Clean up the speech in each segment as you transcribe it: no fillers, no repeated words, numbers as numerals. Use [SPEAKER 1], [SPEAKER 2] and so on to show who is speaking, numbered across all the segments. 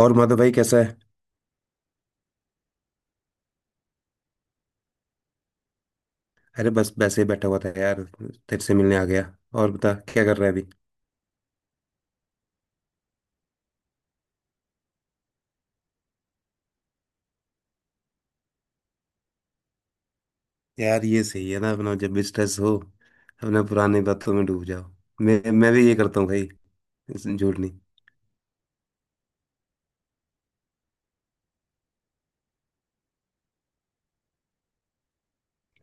[SPEAKER 1] और माधव भाई कैसा है। अरे बस वैसे ही बैठा हुआ था यार, तेरे से मिलने आ गया। और बता क्या कर रहा है अभी। यार ये सही है ना, अपना जब भी स्ट्रेस हो अपना पुरानी बातों में डूब जाओ। मैं भी ये करता हूँ भाई। झूठ नहीं।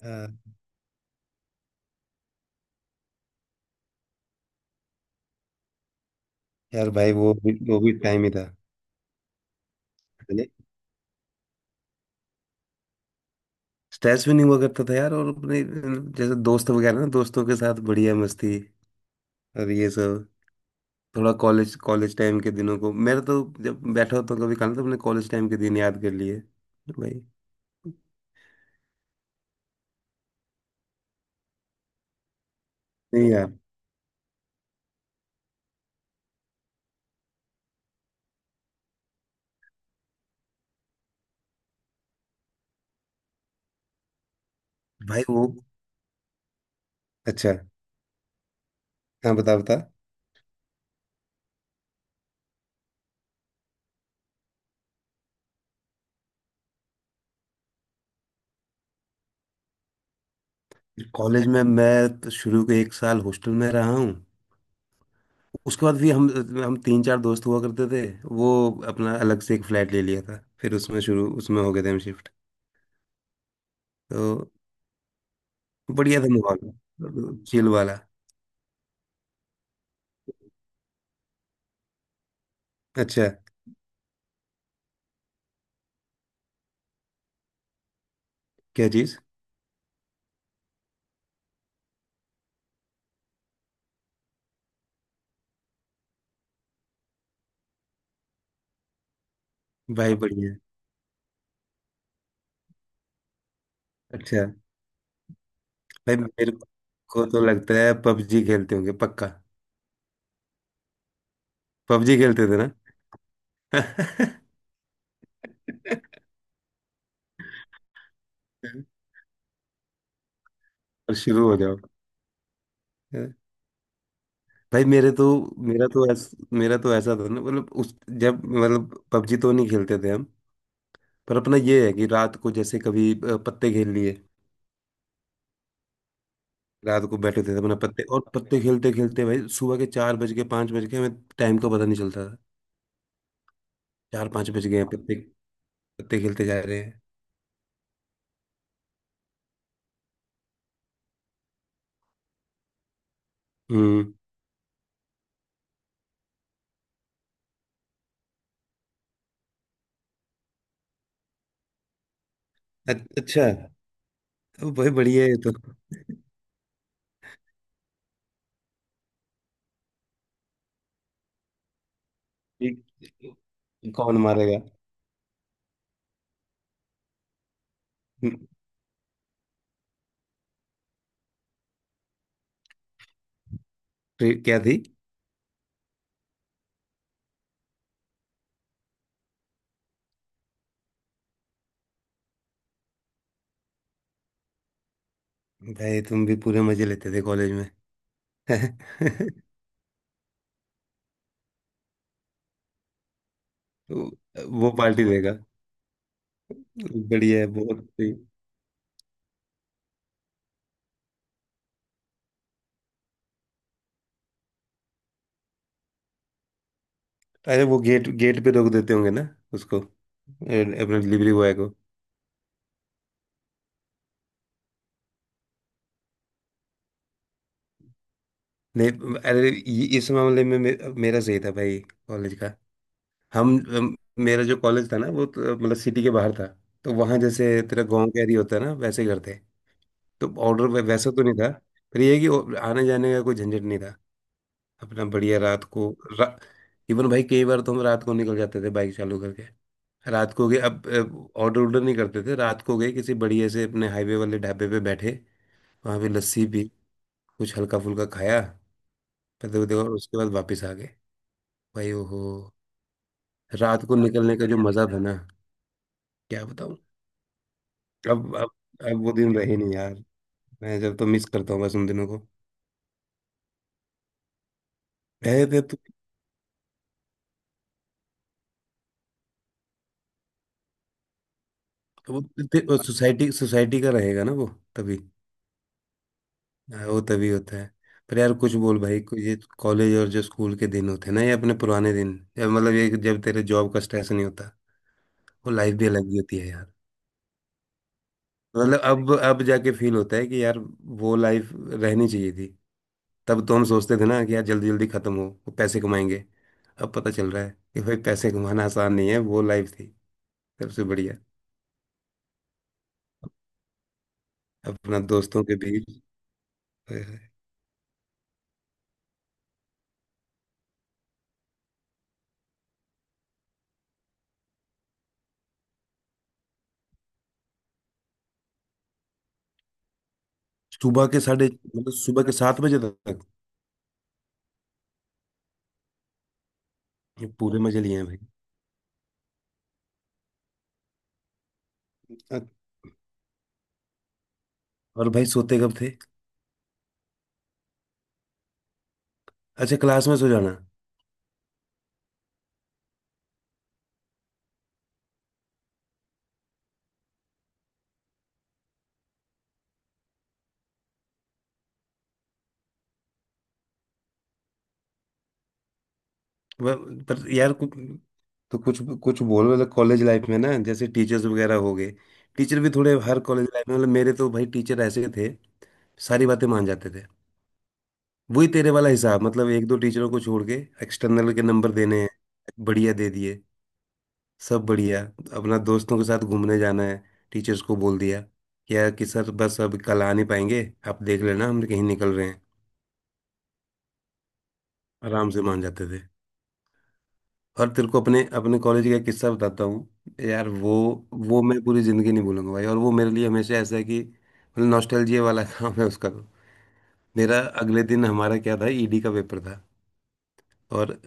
[SPEAKER 1] हाँ, यार भाई वो भी टाइम ही था पहले। स्ट्रेस भी नहीं हुआ करता था यार, और अपने जैसे दोस्त वगैरह ना, दोस्तों के साथ बढ़िया मस्ती और ये सब। थोड़ा कॉलेज कॉलेज टाइम के दिनों को मेरा तो, जब बैठा होता हूँ कभी खाना तो अपने कॉलेज टाइम के दिन याद कर लिए भाई। नहीं यार, भाई वो। अच्छा, हाँ बता बता। कॉलेज में मैं तो शुरू के 1 साल हॉस्टल में रहा हूँ। उसके बाद भी हम तीन चार दोस्त हुआ करते थे। वो अपना अलग से एक फ्लैट ले लिया था, फिर उसमें शुरू उसमें हो गए थे हम शिफ्ट। तो बढ़िया था माहौल, चिल वाला। अच्छा, क्या चीज़। भाई बढ़िया। अच्छा, भाई मेरे को तो लगता है पबजी खेलते होंगे पक्का। पबजी खेलते थे ना। और शुरू हो जाओ। भाई मेरे तो, मेरा तो ऐसा था ना, मतलब उस, जब मतलब पबजी तो नहीं खेलते थे हम, पर अपना ये है कि रात को जैसे कभी पत्ते खेल लिए। रात को बैठे थे अपना पत्ते, और पत्ते खेलते खेलते भाई सुबह के चार बज के, पाँच बज के, हमें टाइम का पता नहीं चलता था। चार पाँच बज गए हैं, पत्ते पत्ते खेलते जा रहे हैं। हम्म। अ- अच्छा। तो भाई बढ़िया है ये तो। ठीक। कौन मारेगा। हम्म, फिर क्या थी। भाई तुम भी पूरे मजे लेते थे कॉलेज में। वो वो पार्टी देगा। बढ़िया है, बहुत सही। अरे वो गेट गेट पे रोक देते होंगे ना उसको, अपने डिलीवरी बॉय को। नहीं अरे इस मामले में मेरा सही था भाई, कॉलेज का। हम, हम- मेरा जो कॉलेज था ना वो तो, मतलब सिटी के बाहर था। तो वहाँ जैसे तेरा गांव कैरी होता है ना, वैसे ही करते हैं। तो ऑर्डर वैसा तो नहीं था, पर ये है कि आने जाने का कोई झंझट नहीं था। अपना बढ़िया रात को, रा... इवन भाई कई बार तो हम रात को निकल जाते थे बाइक चालू करके। रात को गए, अब ऑर्डर ऑर्डर नहीं करते थे, रात को गए किसी बढ़िया से अपने हाईवे वाले ढाबे पे बैठे, वहां पे लस्सी पी, कुछ हल्का फुल्का खाया, पता वो देखा और उसके बाद वापस आ गए। भाई ओहो, रात को निकलने का जो मजा था ना, क्या बताऊं। अब अब अब वो दिन रहे नहीं यार, मैं जब तो मिस करता हूँ बस उन दिनों को, रहे थे तो, सोसाइटी सोसाइटी का रहेगा ना वो, तभी। हाँ, वो तभी होता है। पर यार कुछ बोल भाई, कुछ ये कॉलेज और जो स्कूल के दिन होते हैं ना, ये अपने पुराने दिन, या मतलब ये जब तेरे जॉब का स्ट्रेस नहीं होता, वो लाइफ भी अलग ही होती है यार। मतलब अब जाके फील होता है कि यार वो लाइफ रहनी चाहिए थी। तब तो हम सोचते थे ना कि यार जल्दी जल्दी खत्म हो, वो पैसे कमाएंगे। अब पता चल रहा है कि भाई पैसे कमाना आसान नहीं है, वो लाइफ थी सबसे बढ़िया। अपना दोस्तों के बीच। सुबह के साढ़े, मतलब सुबह के 7 बजे तक। ये पूरे मजे लिए हैं भाई। और भाई सोते कब थे। अच्छा क्लास में सो जाना। पर यार तो कुछ, कुछ बोल मतलब कॉलेज लाइफ में ना, जैसे टीचर्स वगैरह हो गए, टीचर भी थोड़े हर कॉलेज लाइफ में, मतलब मेरे तो भाई टीचर ऐसे थे, सारी बातें मान जाते थे। वही तेरे वाला हिसाब, मतलब एक दो टीचरों को छोड़ के, एक्सटर्नल के नंबर देने हैं, बढ़िया दे दिए, सब बढ़िया। अपना दोस्तों के साथ घूमने जाना है, टीचर्स को बोल दिया क्या कि सर बस अब कल आ नहीं पाएंगे, आप देख लेना, हम कहीं निकल रहे हैं। आराम से मान जाते थे। और तेरे को अपने अपने कॉलेज का किस्सा बताता हूँ यार, वो मैं पूरी ज़िंदगी नहीं भूलूंगा भाई, और वो मेरे लिए हमेशा ऐसा है कि मतलब नॉस्टैल्जिया वाला काम है उसका तो। मेरा अगले दिन हमारा क्या था, ईडी का पेपर था। और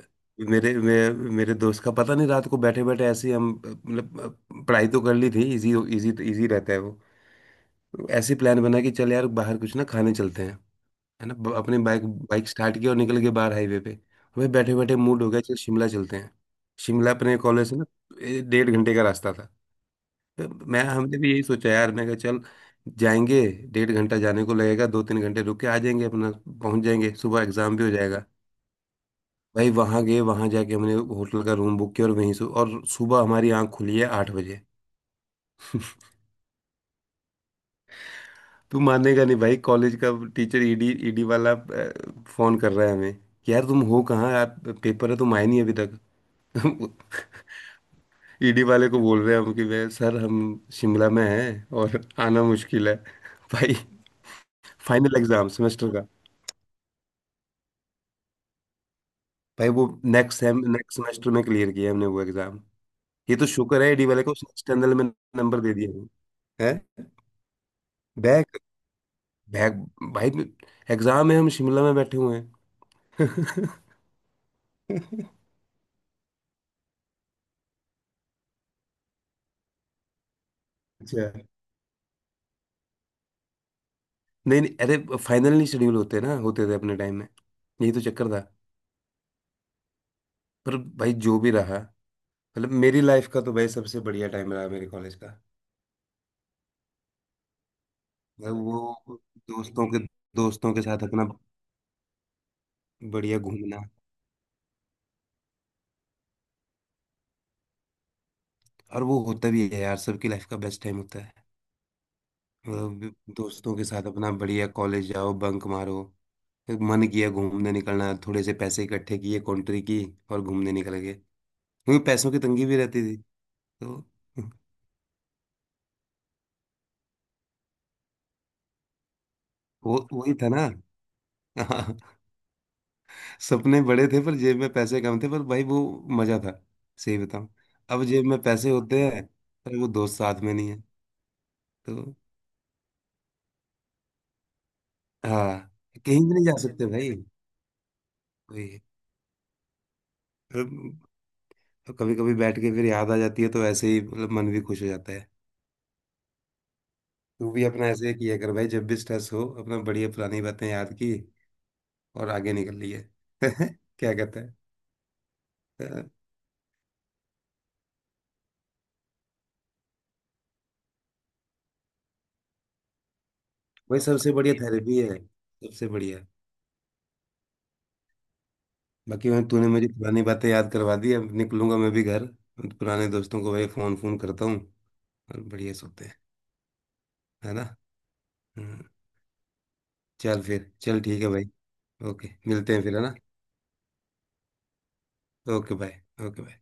[SPEAKER 1] मेरे दोस्त का पता नहीं, रात को बैठे बैठे ऐसे ही हम मतलब पढ़ाई तो कर ली थी, इजी इजी इजी रहता है वो। ऐसी प्लान बना कि चल यार बाहर कुछ ना खाने चलते हैं, है ना, अपने बाइक, बाइक स्टार्ट किया और निकल गए बाहर हाईवे पे। हमें बैठे बैठे मूड हो गया, चल शिमला चलते हैं। शिमला अपने कॉलेज से ना 1.5 घंटे का रास्ता था। तो मैं, हमने भी यही सोचा यार, मैं कहा चल जाएंगे, 1.5 घंटा जाने को लगेगा, दो तीन घंटे रुक के आ जाएंगे अपना, पहुंच जाएंगे, सुबह एग्जाम भी हो जाएगा। भाई वहां गए, वहां जाके हमने होटल का रूम बुक किया और वहीं से और सुबह हमारी आंख खुली है 8 बजे। तू मानेगा नहीं भाई, कॉलेज का टीचर ईडी ईडी वाला फोन कर रहा है हमें कि यार तुम हो कहाँ यार, पेपर है, तुम आए नहीं अभी तक। हम ईडी वाले को बोल रहे हैं हम कि वे सर हम शिमला में हैं और आना मुश्किल है। भाई फाइनल एग्जाम सेमेस्टर का। भाई वो नेक्स्ट सेमेस्टर में क्लियर किया हमने वो एग्जाम। ये तो शुक्र है ईडी वाले को, उसने एक्सटर्नल में नंबर दे दिया हमें, है। बैक, बैक भाई, एग्जाम है हम शिमला में बैठे हुए हैं। अच्छा। नहीं नहीं, अरे फाइनल नहीं शेड्यूल होते, ना होते थे अपने टाइम में, यही तो चक्कर था। पर भाई जो भी रहा, मतलब मेरी लाइफ का तो भाई सबसे बढ़िया टाइम रहा मेरे कॉलेज का। भाई वो, दोस्तों के दोस्तों के साथ अपना बढ़िया घूमना। और वो होता भी है यार, सबकी लाइफ का बेस्ट टाइम होता है। मतलब दोस्तों के साथ अपना बढ़िया कॉलेज जाओ, बंक मारो, फिर मन किया घूमने निकलना, थोड़े से पैसे इकट्ठे किए, कॉन्ट्री की और घूमने निकल गए, क्योंकि पैसों की तंगी भी रहती थी। तो वो वही था ना। हाँ, सपने बड़े थे पर जेब में पैसे कम थे, पर भाई वो मजा था, सही बताऊं। अब जेब में पैसे होते हैं पर वो दोस्त साथ में नहीं है। तो हाँ, कहीं भी नहीं जा सकते भाई, वही। तो कभी कभी बैठ के फिर याद आ जाती है तो ऐसे ही मतलब मन भी खुश हो जाता है। तू भी अपना ऐसे ही किया कर भाई, जब भी स्ट्रेस हो अपना बढ़िया पुरानी बातें याद की और आगे निकल लिए। क्या कहता है। अ, वही सबसे बढ़िया थेरेपी है, सबसे बढ़िया। बाकी भाई तूने मुझे पुरानी बातें याद करवा दी, अब निकलूंगा मैं भी घर, पुराने दोस्तों को भाई फोन फोन करता हूँ और बढ़िया सोते हैं, है ना। हम्म, चल फिर, चल ठीक है भाई। ओके मिलते हैं फिर, है ना। Okay bye. Okay bye.